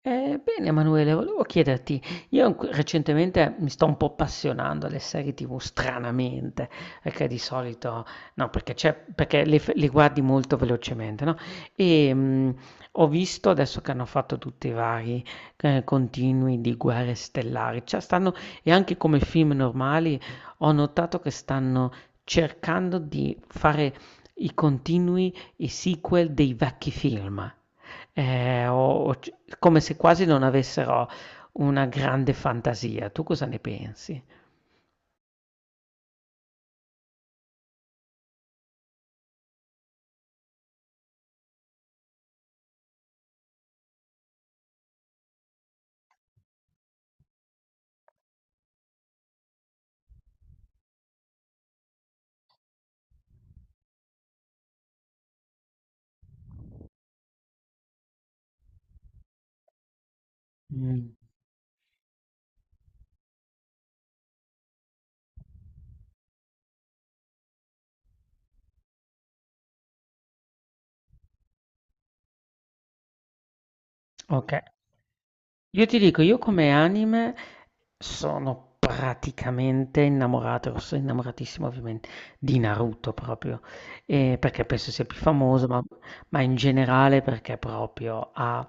Bene Emanuele, volevo chiederti, io recentemente mi sto un po' appassionando alle serie TV stranamente, perché di solito, no, perché, c'è, le guardi molto velocemente, no? E ho visto adesso che hanno fatto tutti i vari continui di Guerre Stellari, cioè stanno, e anche come film normali ho notato che stanno cercando di fare i continui, i sequel dei vecchi film. Eh, o- o c- Come se quasi non avessero una grande fantasia. Tu cosa ne pensi? Mm. Ok, io ti dico, io come anime sono praticamente innamorato, sono innamoratissimo ovviamente di Naruto proprio, perché penso sia più famoso, ma in generale perché proprio ha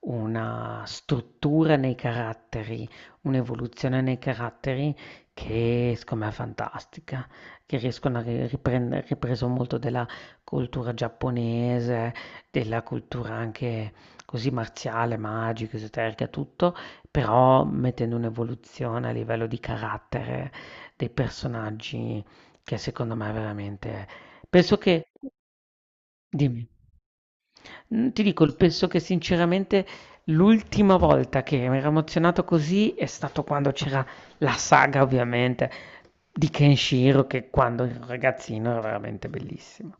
una struttura nei caratteri, un'evoluzione nei caratteri che secondo me è fantastica, che riescono a riprendere, ripreso molto della cultura giapponese, della cultura anche così marziale, magica, esoterica, tutto, però mettendo un'evoluzione a livello di carattere dei personaggi che secondo me è veramente... Penso che... Dimmi. Ti dico, penso che sinceramente l'ultima volta che mi ero emozionato così è stato quando c'era la saga, ovviamente, di Kenshiro, che quando ero ragazzino era veramente bellissimo.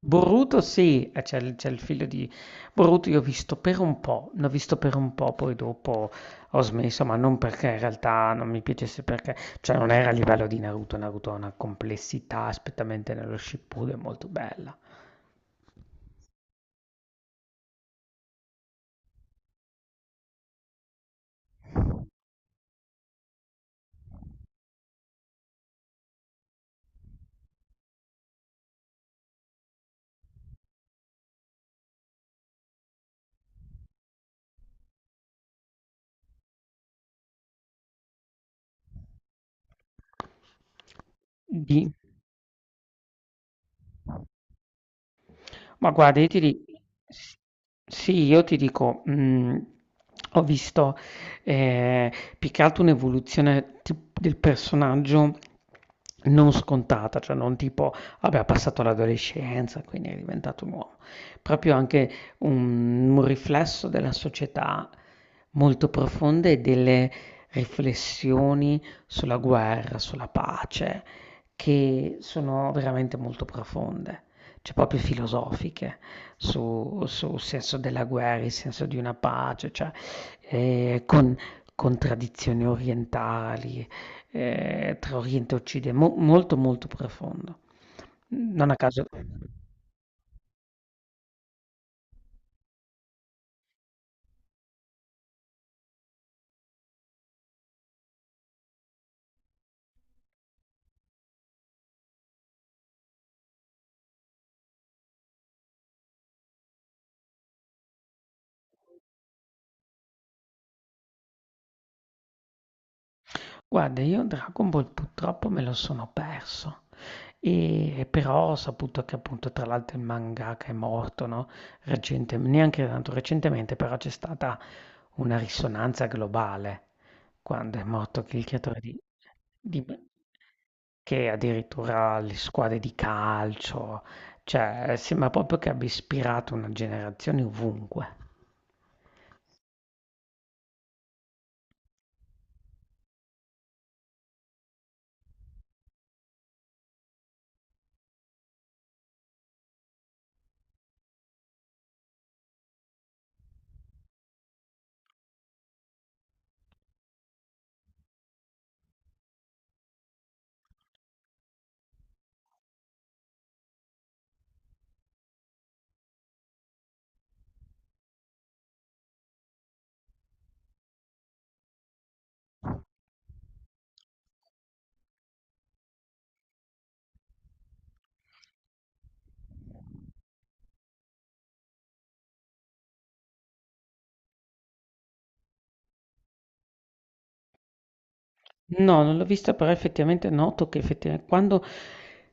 Boruto sì, c'è il figlio di Boruto, io ho visto per un po', l'ho visto per un po', poi dopo ho smesso, ma non perché in realtà non mi piacesse, perché cioè non era a livello di Naruto, Naruto ha una complessità, aspettamente nello Shippuden molto bella. Di- Ma guarda, io ti di- s- Sì, io ti dico, ho visto eh, più che altro un'evoluzione del personaggio non scontata, cioè non tipo, vabbè, ha passato l'adolescenza, quindi è diventato un uomo, proprio anche un riflesso della società molto profonda e delle riflessioni sulla guerra, sulla pace, che sono veramente molto profonde cioè proprio filosofiche sul senso della guerra, il senso di una pace, cioè, eh, con, con tradizioni orientali, tra Oriente e Occidente, molto molto profondo. Non a caso, guarda, io Dragon Ball purtroppo me lo sono perso. E però ho saputo che appunto tra l'altro il mangaka è morto, no? Neanche tanto recentemente, però c'è stata una risonanza globale quando è morto il creatore di- che addirittura le squadre di calcio, cioè sembra proprio che abbia ispirato una generazione ovunque. No, non l'ho vista, però effettivamente noto che effettivamente quando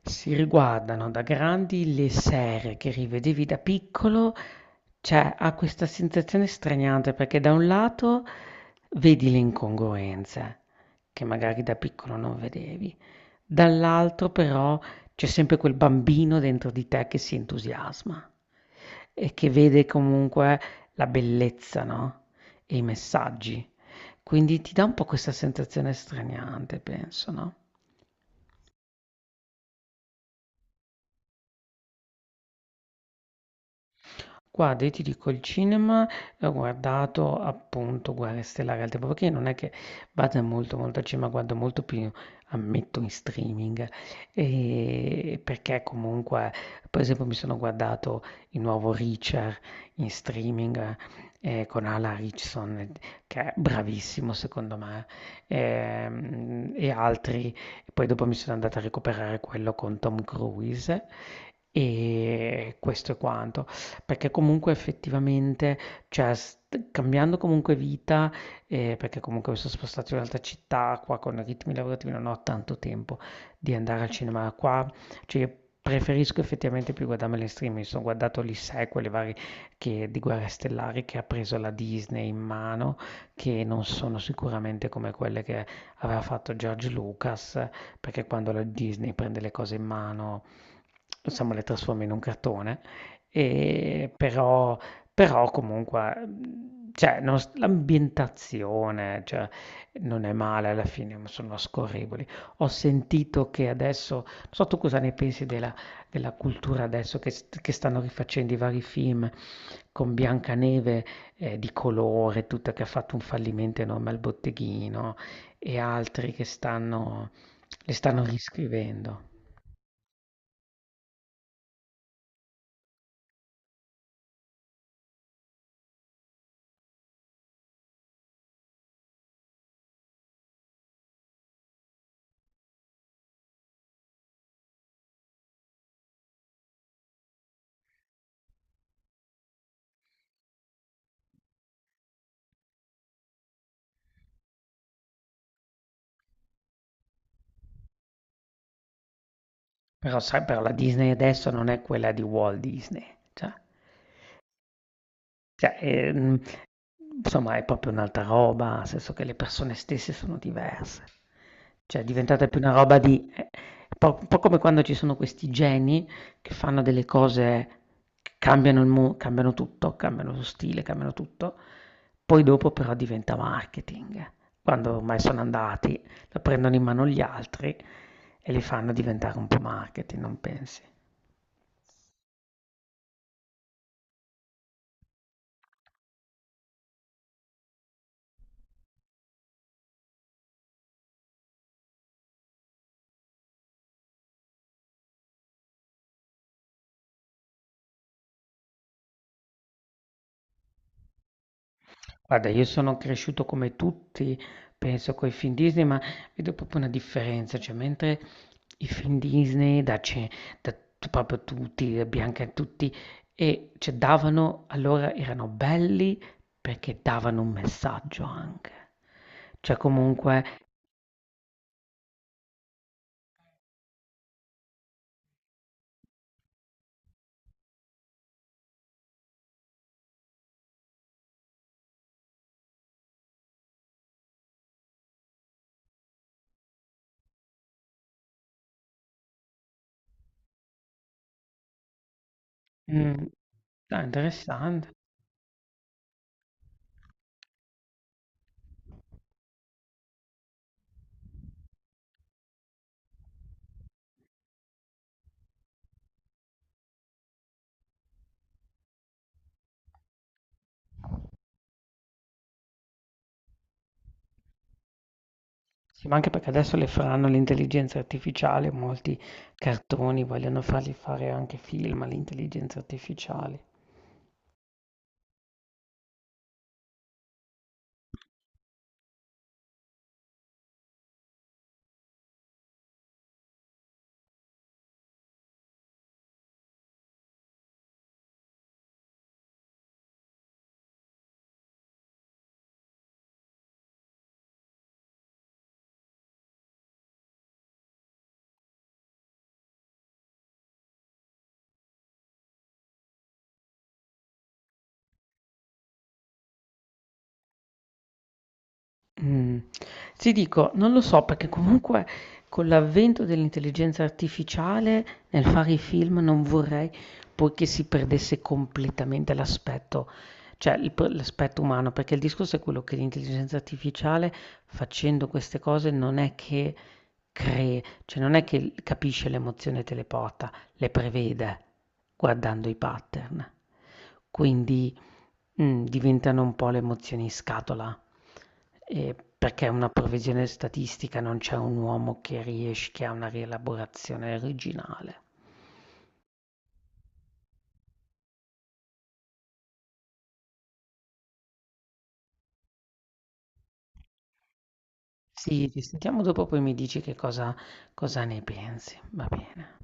si riguardano da grandi le serie che rivedevi da piccolo, cioè ha questa sensazione straniante perché da un lato vedi le incongruenze che magari da piccolo non vedevi. Dall'altro però c'è sempre quel bambino dentro di te che si entusiasma e che vede comunque la bellezza, no? E i messaggi. Quindi ti dà un po' questa sensazione straniante, penso, no? Guarda, io ti dico, il cinema ho guardato appunto Guerre Stellari al tempo, perché non è che vada molto molto al cinema, guardo molto più, ammetto, in streaming, e perché comunque, per esempio, mi sono guardato il nuovo Richard in streaming con Alan Richardson, che è bravissimo secondo me, e altri, poi dopo mi sono andata a recuperare quello con Tom Cruise, e questo è quanto. Perché comunque effettivamente, cioè st cambiando comunque vita, perché comunque mi son spostato in un'altra città, qua con ritmi lavorativi non ho tanto tempo di andare al cinema. Qua, cioè io preferisco effettivamente più guardarmela in streaming. Mi son guardato gli sequel, i vari che di Guerre Stellari che ha preso la Disney in mano, che non sono sicuramente come quelle che aveva fatto George Lucas, perché quando la Disney prende le cose in mano, insomma le trasforma in un cartone. E però, però comunque, cioè, non s- l'ambientazione, cioè, non è male alla fine, ma sono scorrevoli. Ho sentito che adesso, non so tu cosa ne pensi della cultura adesso che stanno rifacendo i vari film con Biancaneve di colore, tutta che ha fatto un fallimento enorme al botteghino e altri che stanno, le stanno riscrivendo. Però, sai, però la Disney adesso non è quella di Walt Disney. Cioè. Cioè, insomma è proprio un'altra roba, nel senso che le persone stesse sono diverse. Cioè è diventata più una roba di po' un po' come quando ci sono questi geni che fanno delle cose che cambiano il mu cambiano tutto, cambiano lo stile, cambiano tutto, poi dopo però diventa marketing. Quando ormai sono andati, la prendono in mano gli altri e li fanno diventare un po' marketing, non pensi? Guarda, io sono cresciuto come tutti, penso, coi film Disney, ma vedo proprio una differenza, cioè mentre i film Disney, da, ce- da t- proprio tutti, da Bianca e tutti, e cioè, davano, allora erano belli perché davano un messaggio anche. Cioè comunque, mm, ah, interessante. Sì, ma anche perché adesso le faranno l'intelligenza artificiale, molti cartoni vogliono farli fare anche film all'intelligenza artificiale. Mm. Ti dico, non lo so perché comunque con l'avvento dell'intelligenza artificiale nel fare i film non vorrei poi che si perdesse completamente l'aspetto, cioè l'aspetto umano, perché il discorso è quello che l'intelligenza artificiale facendo queste cose non è che cree, cioè non è che capisce l'emozione e te le porta, le prevede guardando i pattern. Quindi mh, diventano un po' le emozioni in scatola, perché una previsione statistica non c'è un uomo che riesce che ha una rielaborazione originale. Sì, ci sentiamo dopo poi mi dici che cosa cosa ne pensi, va bene.